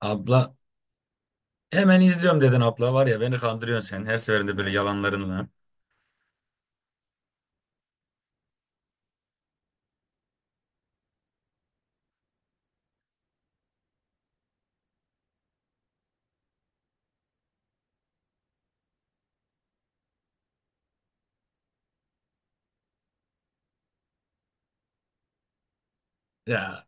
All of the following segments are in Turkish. Abla hemen izliyorum dedin abla var ya, beni kandırıyorsun sen her seferinde böyle yalanlarınla. Ya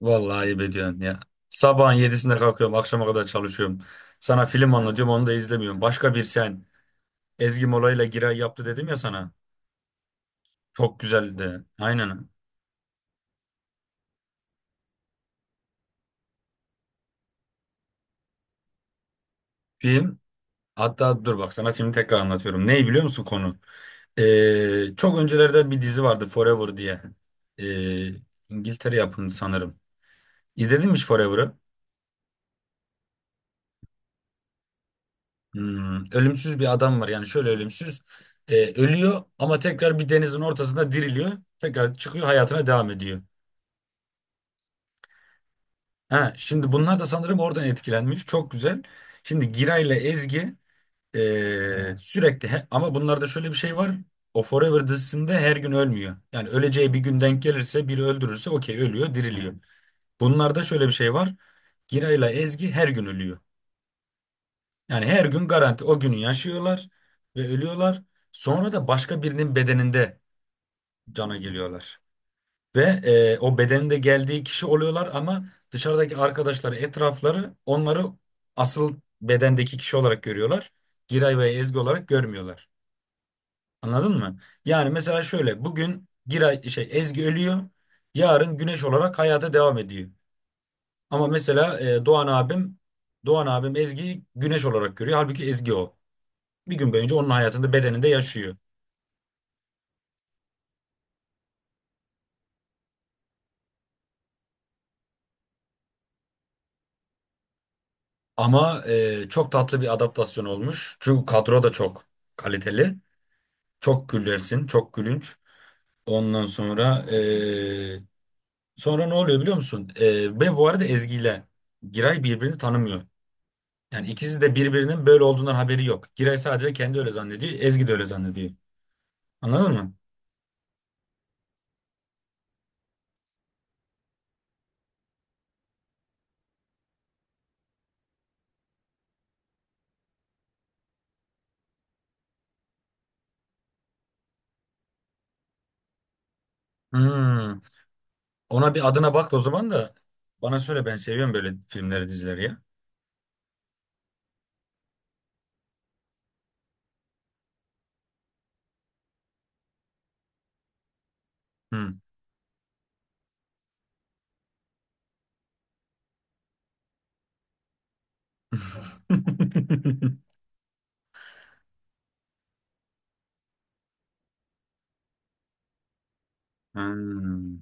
vallahi ayıp ediyorsun ya. Sabahın 7'sinde kalkıyorum, akşama kadar çalışıyorum. Sana film anlatıyorum, onu da izlemiyorum. Başka bir sen, Ezgi Mola ile Giray yaptı dedim ya sana. Çok güzeldi. Aynen. Film, hatta dur bak, sana şimdi tekrar anlatıyorum. Neyi biliyor musun konu? Çok öncelerden bir dizi vardı Forever diye. Ee, İngiltere yapımı sanırım. İzledin mi hiç Forever'ı? Ölümsüz bir adam var, yani şöyle ölümsüz, ölüyor ama tekrar bir denizin ortasında diriliyor, tekrar çıkıyor, hayatına devam ediyor. Ha, şimdi bunlar da sanırım oradan etkilenmiş, çok güzel. Şimdi Giray ile Ezgi sürekli, ama bunlarda şöyle bir şey var: o Forever dizisinde her gün ölmüyor. Yani öleceği bir gün denk gelirse, biri öldürürse, okey, ölüyor, diriliyor. Bunlarda şöyle bir şey var: Giray ile Ezgi her gün ölüyor. Yani her gün garanti o günü yaşıyorlar ve ölüyorlar. Sonra da başka birinin bedeninde cana geliyorlar. Ve o bedende geldiği kişi oluyorlar, ama dışarıdaki arkadaşları, etrafları onları asıl bedendeki kişi olarak görüyorlar. Giray ve Ezgi olarak görmüyorlar. Anladın mı? Yani mesela şöyle, bugün Giray şey Ezgi ölüyor. Yarın Güneş olarak hayata devam ediyor. Ama mesela Doğan abim Ezgi'yi Güneş olarak görüyor. Halbuki Ezgi o, bir gün boyunca onun hayatında, bedeninde yaşıyor. Ama çok tatlı bir adaptasyon olmuş. Çünkü kadro da çok kaliteli. Çok gülersin, çok gülünç. Ondan sonra sonra ne oluyor biliyor musun? Ve bu arada Ezgi ile Giray birbirini tanımıyor. Yani ikisi de birbirinin böyle olduğundan haberi yok. Giray sadece kendi öyle zannediyor. Ezgi de öyle zannediyor. Anladın mı? Hmm. Ona bir adına bak da o zaman da bana söyle, ben seviyorum böyle filmleri, dizileri ya. Hmm. Hmm.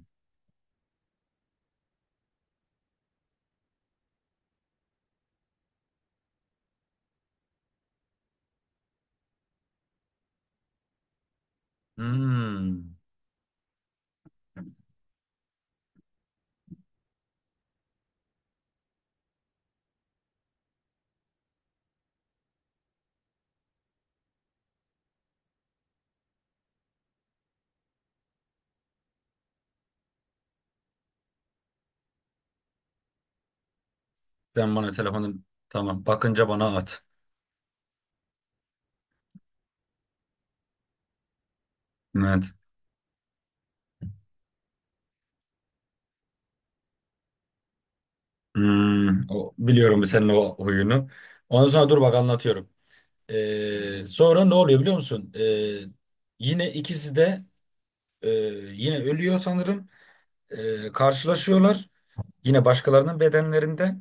Hmm. Sen bana telefonu, tamam, bakınca bana at. Evet. Hmm. O, biliyorum bu senin o huyunu. Ondan sonra dur bak, anlatıyorum. Sonra ne oluyor biliyor musun? Yine ikisi de e, yine ölüyor sanırım. Karşılaşıyorlar. Yine başkalarının bedenlerinde.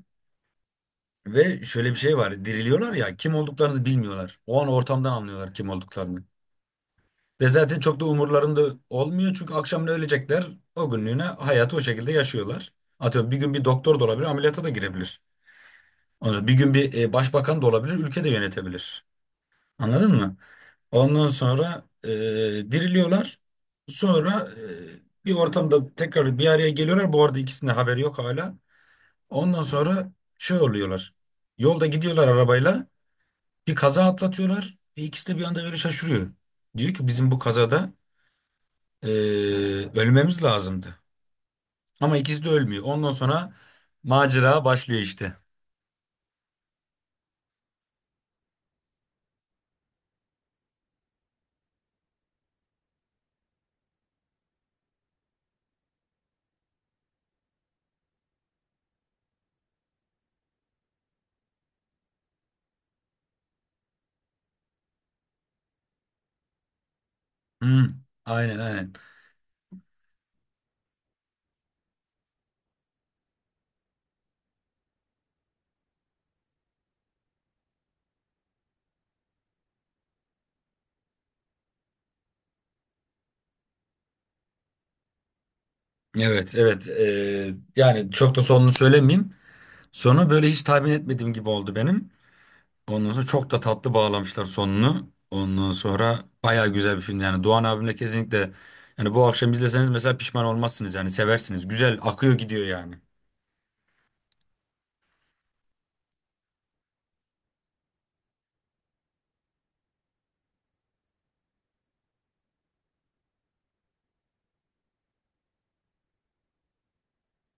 Ve şöyle bir şey var: diriliyorlar ya, kim olduklarını bilmiyorlar. O an ortamdan anlıyorlar kim olduklarını. Ve zaten çok da umurlarında olmuyor, çünkü akşam ne ölecekler, o günlüğüne hayatı o şekilde yaşıyorlar. Atıyorum, bir gün bir doktor da olabilir, ameliyata da girebilir. Ondan sonra bir gün bir başbakan da olabilir, ülke de yönetebilir. Anladın mı? Ondan sonra diriliyorlar. Sonra bir ortamda tekrar bir araya geliyorlar. Bu arada ikisinin de haberi yok hala. Ondan sonra şey oluyorlar. Yolda gidiyorlar arabayla. Bir kaza atlatıyorlar. Ve ikisi de bir anda böyle şaşırıyor. Diyor ki bizim bu kazada Ee, ölmemiz lazımdı. Ama ikisi de ölmüyor. Ondan sonra macera başlıyor işte. Hmm, aynen, aynen. Evet, evet. Yani çok da sonunu söylemeyeyim. Sonu böyle hiç tahmin etmediğim gibi oldu benim. Ondan sonra çok da tatlı bağlamışlar sonunu. Ondan sonra baya güzel bir film yani. Doğan abimle kesinlikle, yani bu akşam izleseniz mesela pişman olmazsınız, yani seversiniz. Güzel akıyor gidiyor yani.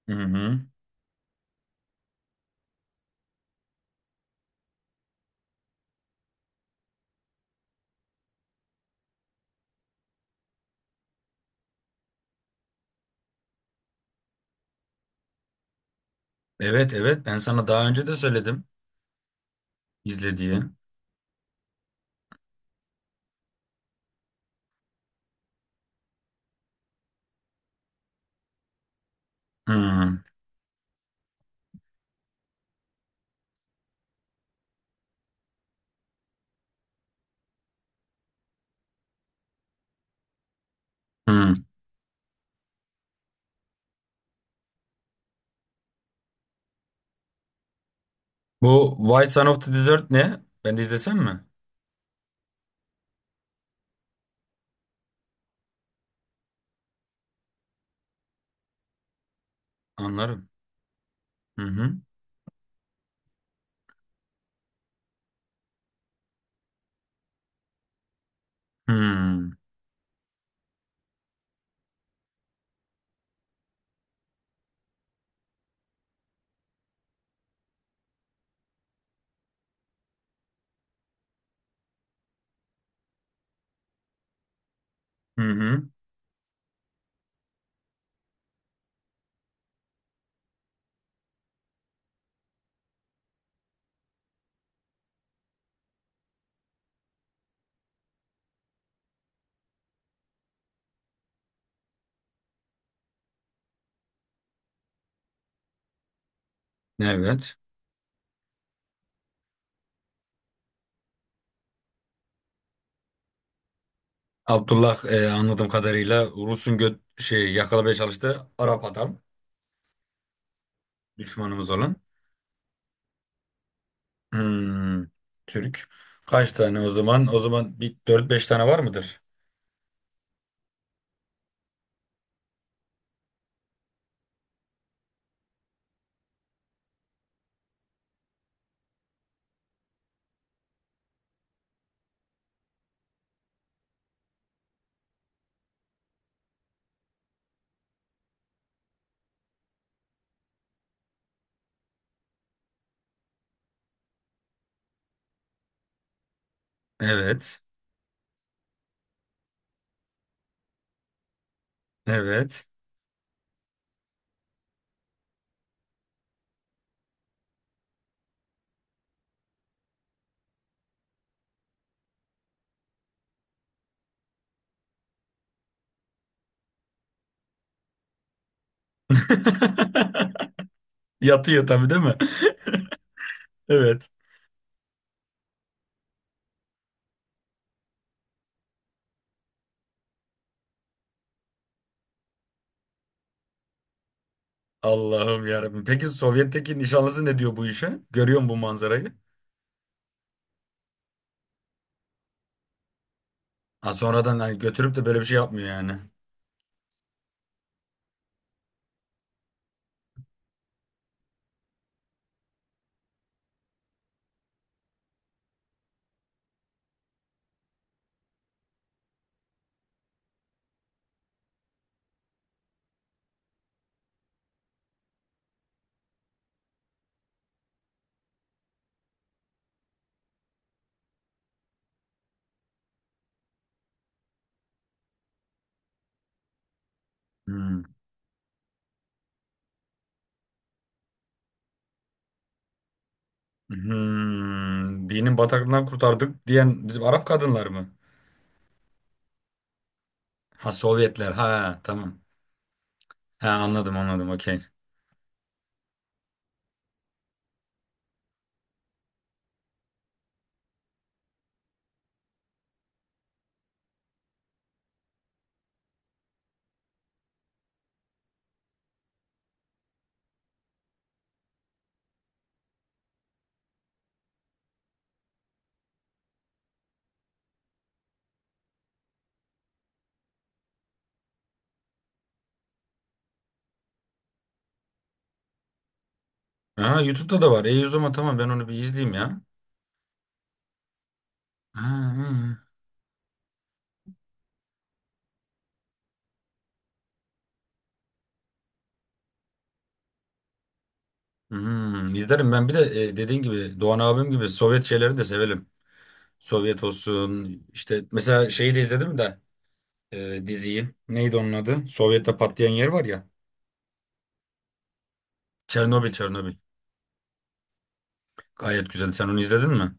Hı hı. Evet, evet, ben sana daha önce de söyledim izle diye. Hı hı. Bu White Son of the Desert ne? Ben de izlesem mi? Anlarım. Hı hı. Hmm. Hı hı. Evet. Abdullah, anladığım kadarıyla Rus'un göt şey yakalamaya çalıştığı Arap adam. Düşmanımız olan. Hmm. Türk. Kaç tane o zaman? O zaman bir dört beş tane var mıdır? Evet. Evet. Yatıyor tabii değil mi? Evet. Allah'ım yarabbim. Peki Sovyet'teki nişanlısı ne diyor bu işe? Görüyor musun bu manzarayı? Ha, sonradan hani götürüp de böyle bir şey yapmıyor yani. Hmm. Hmm. Dinin bataklığından kurtardık diyen bizim Arap kadınlar mı? Ha, Sovyetler. Ha, tamam. Ha, anladım, anladım, okey. Ha, YouTube'da da var. E, o zaman tamam, ben onu bir izleyeyim ya. Ha, ha. Hmm. İzlerim ben, bir de dediğin gibi Doğan abim gibi Sovyet şeyleri de severim. Sovyet olsun işte, mesela şeyi de izledim de, diziyi. Neydi onun adı? Sovyet'te patlayan yer var ya. Çernobil, Çernobil. Gayet güzel. Sen onu izledin mi?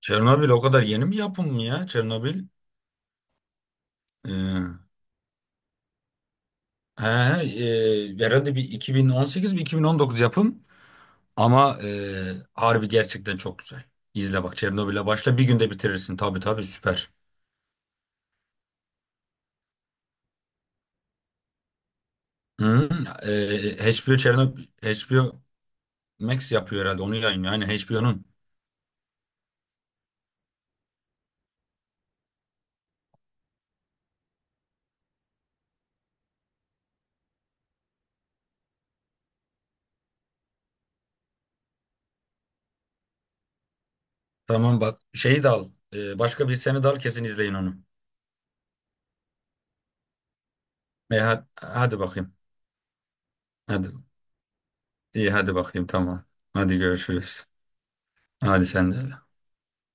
Çernobil o kadar yeni bir yapım mı ya? Çernobil. Ee, he, he, herhalde bir 2018 bir 2019 yapım. Ama harbi, gerçekten çok güzel. İzle bak, Çernobil'e başla, bir günde bitirirsin. Tabii, tabii, süper. Hı, HBO, Çernobil, HBO Max yapıyor herhalde, onu yayınlıyor. Hani HBO'nun. Tamam bak, şeyi de al. E, başka bir seni de al, kesin izleyin onu. E, hadi, hadi bakayım. Hadi. İyi, hadi bakayım, tamam. Hadi görüşürüz. Hadi sen de.